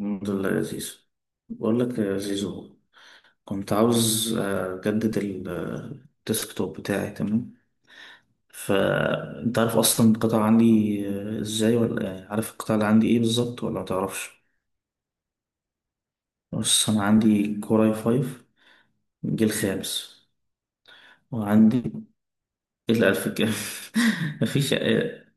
الحمد لله يا زيزو. بقول لك يا زيزو، كنت عاوز أجدد الديسكتوب بتاعي، تمام. فأنت عارف أصلا القطع عندي إزاي، ولا يعني عارف القطع اللي عندي إيه بالظبط ولا متعرفش؟ بص، أنا عندي كوراي فايف، جيل خامس. وعندي الألف كام. مفيش.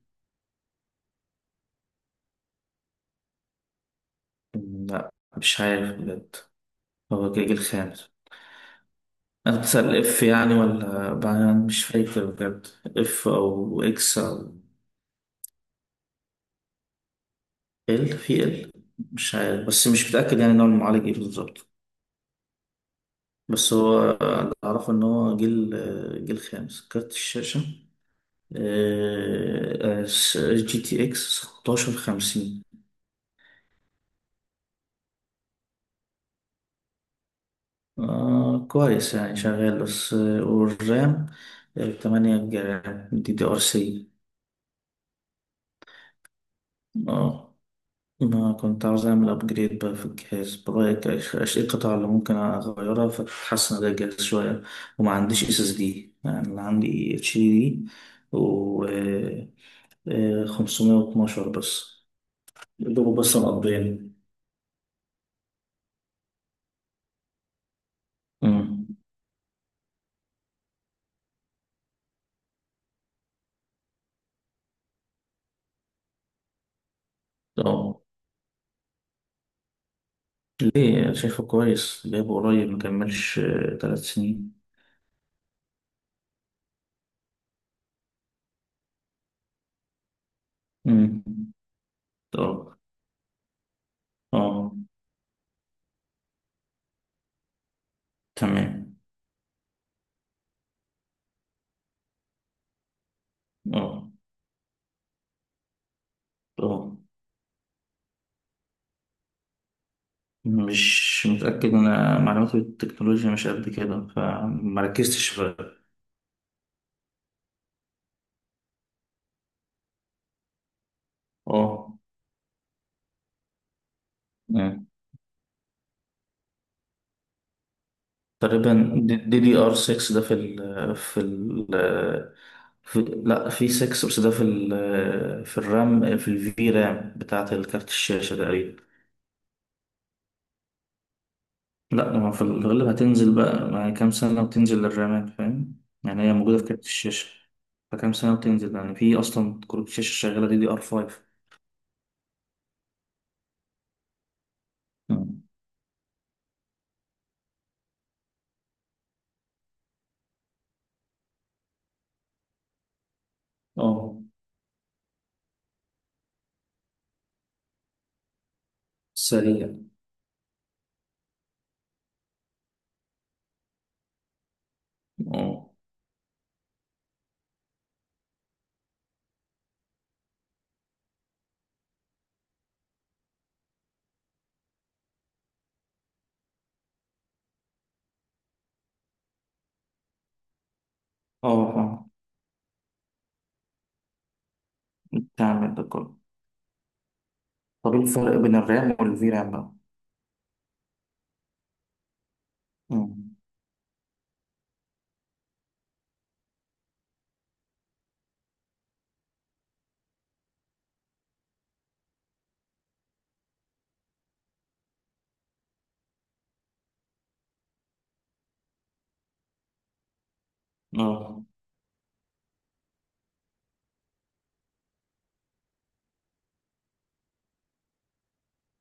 لا، مش عارف بجد. هو جيل خامس. أنا بتسأل اف يعني، أنا مش فاكر بجد، اف او اكس او ال في ال، مش عارف، بس مش متأكد يعني نوع المعالج ايه بالظبط. بس هو اللي أعرفه إن هو جيل خامس. كارت الشاشة جي تي إكس 1650. آه، كويس يعني شغال، بس والرام 8 جيجا دي دي ار سي. اه، أنا كنت عاوز أعمل أبجريد بقى في الجهاز، برأيك إيش القطع اللي ممكن أغيرها فتحسن ده الجهاز شوية؟ وما عنديش اس اس دي، يعني أنا عندي اتش دي دي و 512 بس. دول بس مقضيين. أمم. طب ليه؟ شايفه كويس، جايبه قريب، مكملش 3 سنين. أمم. طب. اه، تمام. اه. اه، مش متأكد، أنا معلوماتي بالتكنولوجيا مش قد كده فمركزتش في. اه. نعم. تقريبا دي دي ار 6، ده في، لا، في 6، بس ده في الرام، في الفي رام بتاعة الكارت الشاشة تقريبا. لا، ما في الغالب هتنزل بقى، ما هي كام سنة وتنزل للرامات، فاهم. يعني هي موجودة في كارت الشاشة، فكام سنة وتنزل، يعني في أصلا كروت الشاشة شغالة دي دي ار 5. اه. سريع. اه. اه، فاهم. بتعمل ده كله. طب ايه الفرق بين الرام والفي رام بقى؟ مم. اه،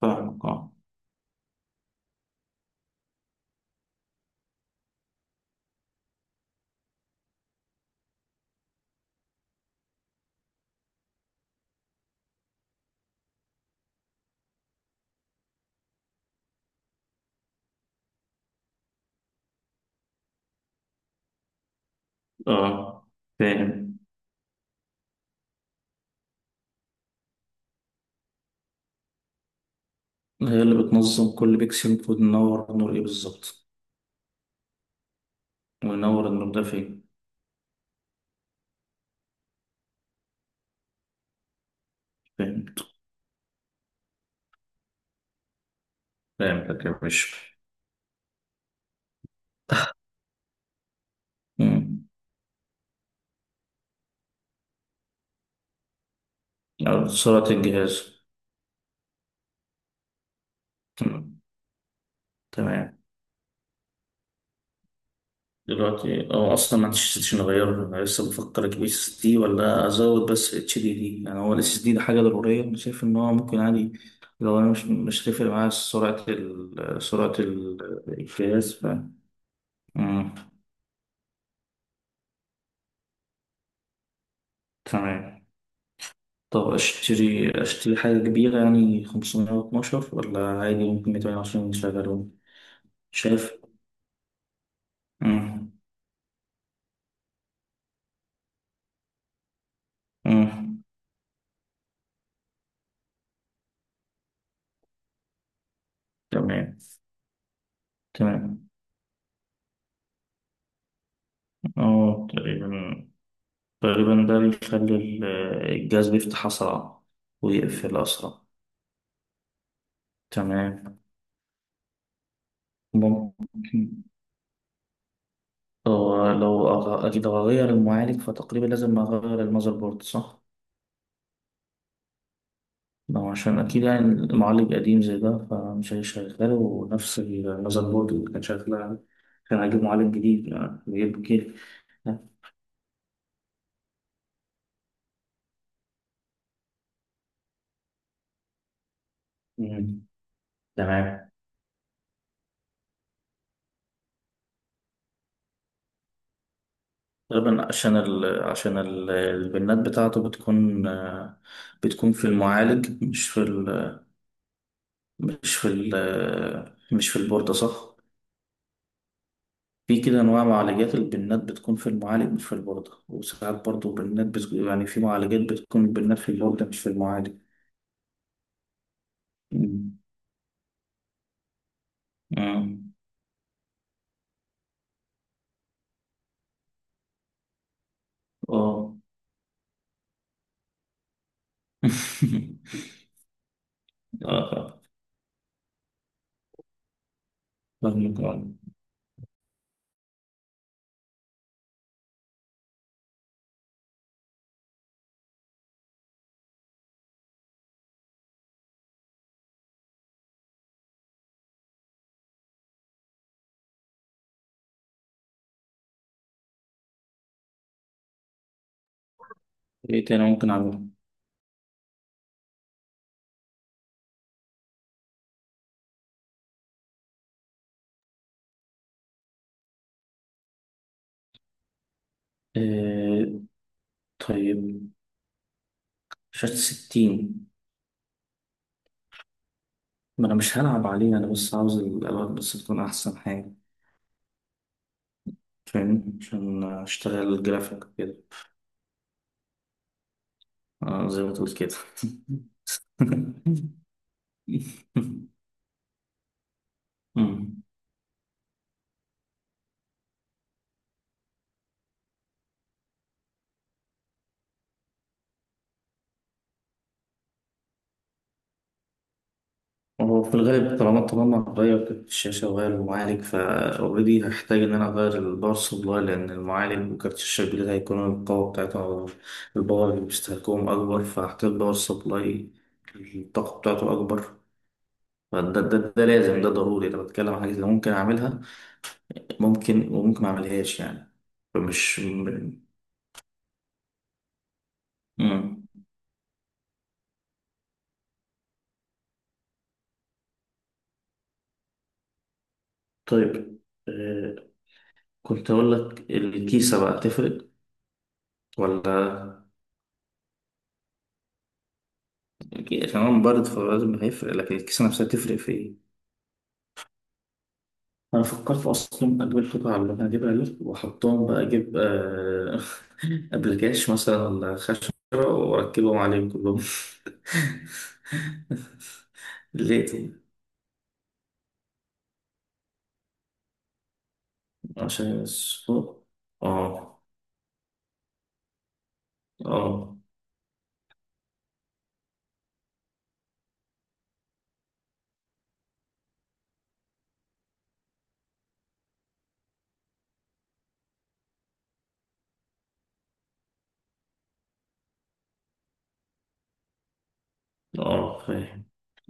فاهمك. اه. اه، فاهم. هي اللي بتنظم كل بيكسل، المفروض ننور النور ايه بالظبط، وينور النور ده فين. فهمت. فهمتك يا باشا. مم. أو سرعة الجهاز. مم. تمام. دلوقتي اه، اصلا ما عنديش سيشن اغيره، انا لسه بفكر اجيب اس اس دي ولا ازود بس اتش دي دي، يعني هو الاس اس دي ده حاجه ضروريه؟ انا شايف ان هو ممكن عادي لو انا مش هتفرق معايا سرعه الجهاز، ف... مم. تمام. طب اشتري اشتري حاجه كبيره يعني 512، ولا عادي ممكن 220 يشغلون؟ شايف. مم. مم. تمام. تمام. اه، تقريبا. تقريبا ده بيخلي الجهاز بيفتح أسرع ويقفل أسرع. تمام. ممكن أكيد هغير المعالج، فتقريبا لازم أغير المذر بورد، صح؟ لو عشان أكيد يعني المعالج قديم زي ده فمش هيشغله ونفس المذر بورد اللي كان شغال، كان هجيب معالج جديد، يعني بيجيب جيل. مم. تمام. تقريبا عشان البنات بتاعته بتكون في المعالج، مش في البوردة، صح؟ في كده أنواع معالجات، البنات بتكون في المعالج مش في البوردة، وساعات برضو بنات يعني في معالجات بتكون البنات في البوردة مش في المعالج. مم. مم. اه. اه، فاهمك آه. ايه تاني ممكن أعمله؟ آه. طيب. شاشة 60. ما أنا مش هلعب عليها، أنا بس عاوز الألوان بس تكون أحسن حاجة، فاهمني، عشان أشتغل جرافيك كده. آه، زي ما تقول كده. مم. هو في الغالب، طالما هغير كارت الشاشة وغير المعالج، فأوريدي هحتاج إن أنا أغير الباور سبلاي، لأن المعالج وكارت الشاشة الجديد هيكون القوة بتاعته، الباور اللي بيستهلكوهم أكبر، فهحتاج باور سبلاي الطاقة بتاعته أكبر. فده ده, ده, ده لازم، ده ضروري. أنا بتكلم عن حاجة اللي ممكن أعملها، ممكن وممكن ما أعملهاش يعني. فمش م- مم. طيب آه، كنت أقول لك الكيسة بقى تفرق، ولا... أكيد عشان هو مبارد فلازم هيفرق، لكن الكيسة نفسها تفرق في إيه؟ أنا فكرت أصلا أجيب قطع اللي أنا هجيبها دي وأحطهم بقى، أجيب أبلكاش مثلا ولا خشبة وأركبهم عليهم كلهم. ليه طيب؟ عشان السوق. آه. آه. آه، فاهم.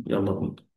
يلا بينا.